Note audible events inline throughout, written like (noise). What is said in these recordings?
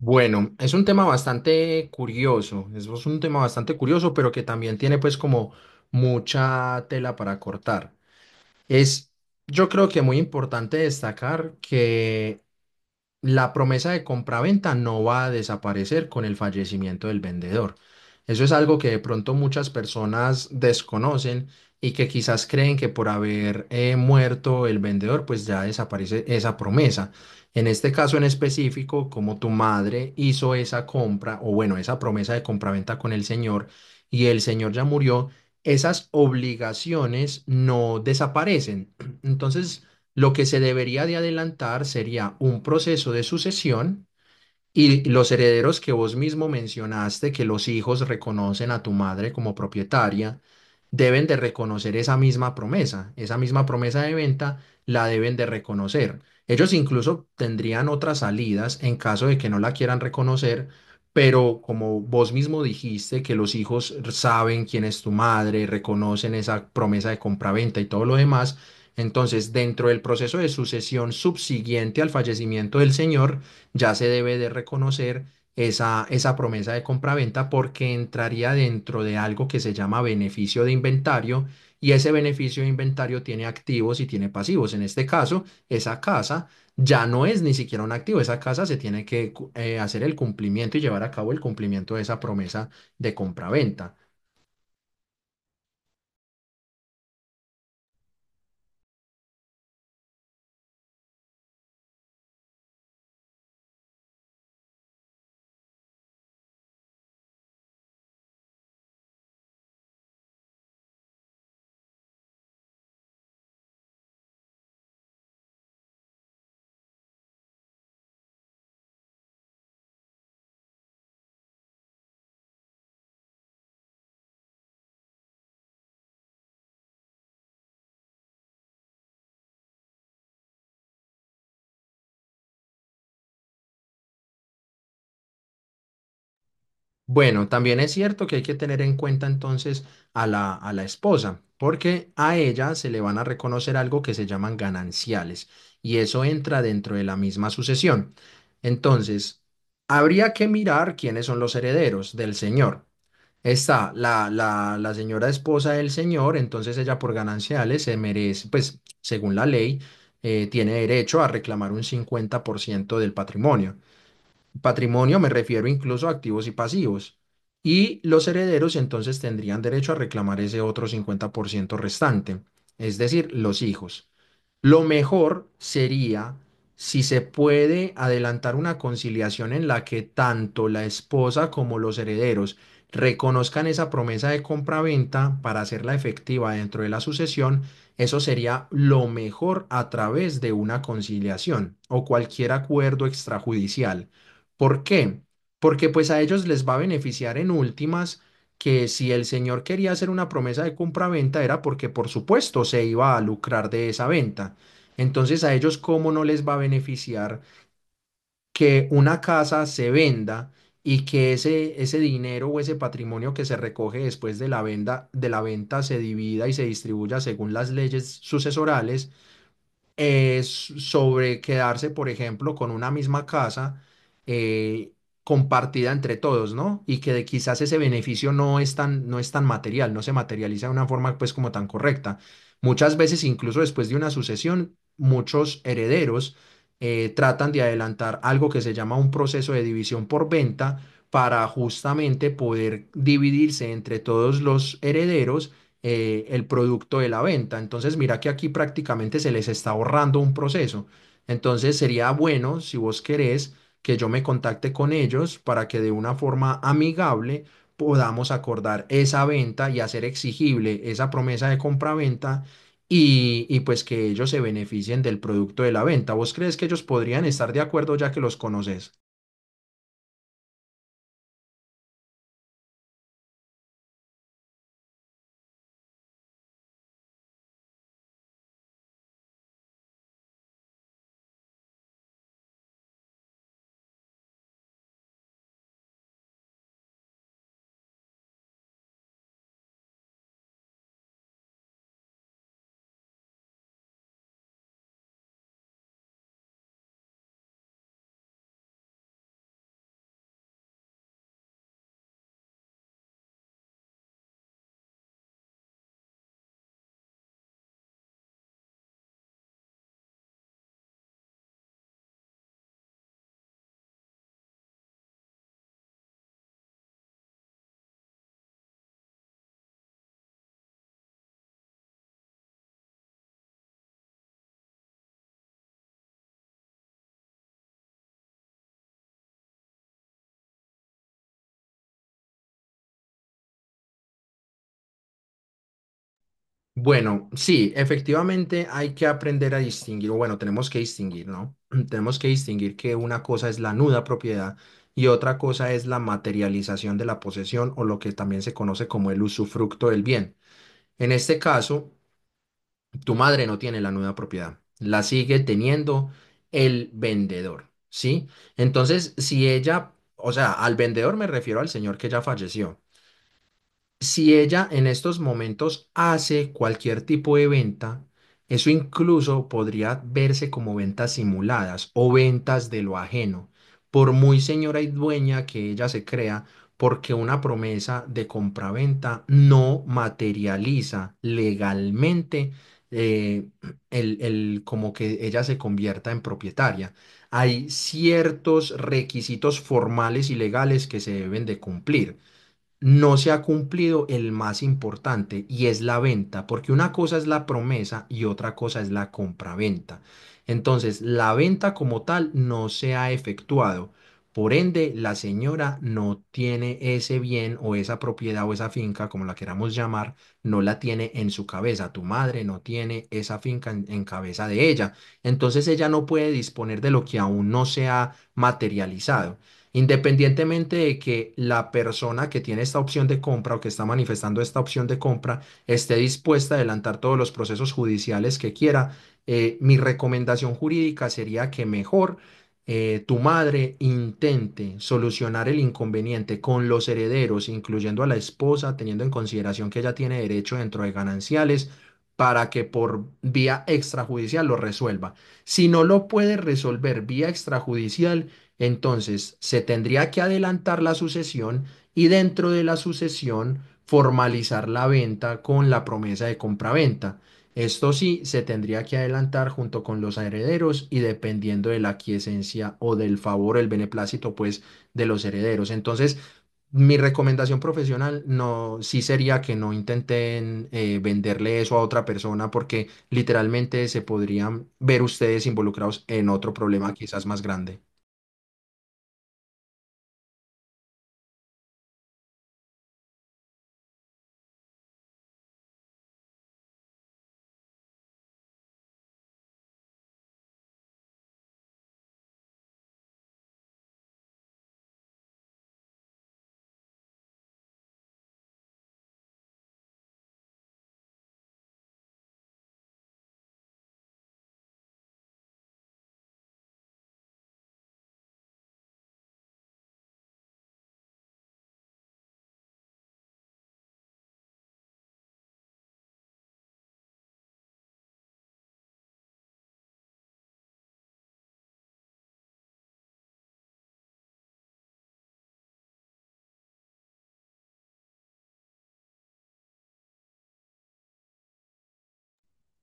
Bueno, es un tema bastante curioso, es un tema bastante curioso, pero que también tiene pues como mucha tela para cortar. Es, yo creo que muy importante destacar que la promesa de compraventa no va a desaparecer con el fallecimiento del vendedor. Eso es algo que de pronto muchas personas desconocen y que quizás creen que por haber muerto el vendedor, pues ya desaparece esa promesa. En este caso en específico, como tu madre hizo esa compra, o bueno, esa promesa de compraventa con el señor y el señor ya murió, esas obligaciones no desaparecen. (clears throat) Entonces, lo que se debería de adelantar sería un proceso de sucesión y los herederos que vos mismo mencionaste, que los hijos reconocen a tu madre como propietaria, deben de reconocer esa misma promesa de venta la deben de reconocer. Ellos incluso tendrían otras salidas en caso de que no la quieran reconocer, pero como vos mismo dijiste, que los hijos saben quién es tu madre, reconocen esa promesa de compraventa y todo lo demás, entonces dentro del proceso de sucesión subsiguiente al fallecimiento del señor, ya se debe de reconocer esa, esa promesa de compraventa porque entraría dentro de algo que se llama beneficio de inventario y ese beneficio de inventario tiene activos y tiene pasivos. En este caso, esa casa ya no es ni siquiera un activo, esa casa se tiene que hacer el cumplimiento y llevar a cabo el cumplimiento de esa promesa de compraventa. Bueno, también es cierto que hay que tener en cuenta entonces a la esposa, porque a ella se le van a reconocer algo que se llaman gananciales, y eso entra dentro de la misma sucesión. Entonces, habría que mirar quiénes son los herederos del señor. Está la señora esposa del señor, entonces ella por gananciales se merece, pues según la ley, tiene derecho a reclamar un 50% del patrimonio. Patrimonio me refiero incluso a activos y pasivos. Y los herederos entonces tendrían derecho a reclamar ese otro 50% restante, es decir, los hijos. Lo mejor sería si se puede adelantar una conciliación en la que tanto la esposa como los herederos reconozcan esa promesa de compraventa para hacerla efectiva dentro de la sucesión, eso sería lo mejor a través de una conciliación o cualquier acuerdo extrajudicial. ¿Por qué? Porque pues a ellos les va a beneficiar en últimas que si el señor quería hacer una promesa de compra venta era porque por supuesto se iba a lucrar de esa venta. Entonces a ellos cómo no les va a beneficiar que una casa se venda y que ese dinero o ese patrimonio que se recoge después de la venda, de la venta se divida y se distribuya según las leyes sucesorales s- sobre quedarse, por ejemplo, con una misma casa eh, compartida entre todos, ¿no? Y que de- quizás ese beneficio no es tan, no es tan material, no se materializa de una forma pues como tan correcta. Muchas veces, incluso después de una sucesión, muchos herederos tratan de adelantar algo que se llama un proceso de división por venta para justamente poder dividirse entre todos los herederos el producto de la venta. Entonces, mira que aquí prácticamente se les está ahorrando un proceso. Entonces, sería bueno, si vos querés, que yo me contacte con ellos para que de una forma amigable podamos acordar esa venta y hacer exigible esa promesa de compraventa y pues que ellos se beneficien del producto de la venta. ¿Vos crees que ellos podrían estar de acuerdo ya que los conoces? Bueno, sí, efectivamente hay que aprender a distinguir, o bueno, tenemos que distinguir, ¿no? (clears throat) Tenemos que distinguir que una cosa es la nuda propiedad y otra cosa es la materialización de la posesión o lo que también se conoce como el usufructo del bien. En este caso, tu madre no tiene la nuda propiedad, la sigue teniendo el vendedor, ¿sí? Entonces, si ella, o sea, al vendedor me refiero al señor que ya falleció. Si ella en estos momentos hace cualquier tipo de venta, eso incluso podría verse como ventas simuladas o ventas de lo ajeno, por muy señora y dueña que ella se crea, porque una promesa de compraventa no materializa legalmente eh, el- como que ella se convierta en propietaria. Hay ciertos requisitos formales y legales que se deben de cumplir no se ha cumplido el más importante y es la venta, porque una cosa es la promesa y otra cosa es la compraventa. Entonces, la venta como tal no se ha efectuado. Por ende, la señora no tiene ese bien o esa propiedad o esa finca, como la queramos llamar, no la tiene en su cabeza. Tu madre no tiene esa finca en cabeza de ella. Entonces, ella no puede disponer de lo que aún no se ha materializado. Independientemente de que la persona que tiene esta opción de compra o que está manifestando esta opción de compra esté dispuesta a adelantar todos los procesos judiciales que quiera, mi recomendación jurídica sería que mejor tu madre intente solucionar el inconveniente con los herederos, incluyendo a la esposa, teniendo en consideración que ella tiene derecho dentro de gananciales para que por vía extrajudicial lo resuelva. Si no lo puede resolver vía extrajudicial, entonces, se tendría que adelantar la sucesión y dentro de la sucesión formalizar la venta con la promesa de compraventa. Esto sí, se tendría que adelantar junto con los herederos y dependiendo de la aquiescencia o del favor, el beneplácito, pues, de los herederos. Entonces, mi recomendación profesional no, sí sería que no intenten venderle eso a otra persona porque literalmente se podrían ver ustedes involucrados en otro problema quizás más grande.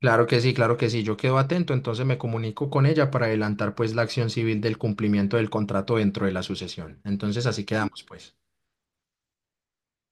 Claro que sí, claro que sí. Yo quedo atento, entonces me comunico con ella para adelantar pues la acción civil del cumplimiento del contrato dentro de la sucesión. Entonces así quedamos pues.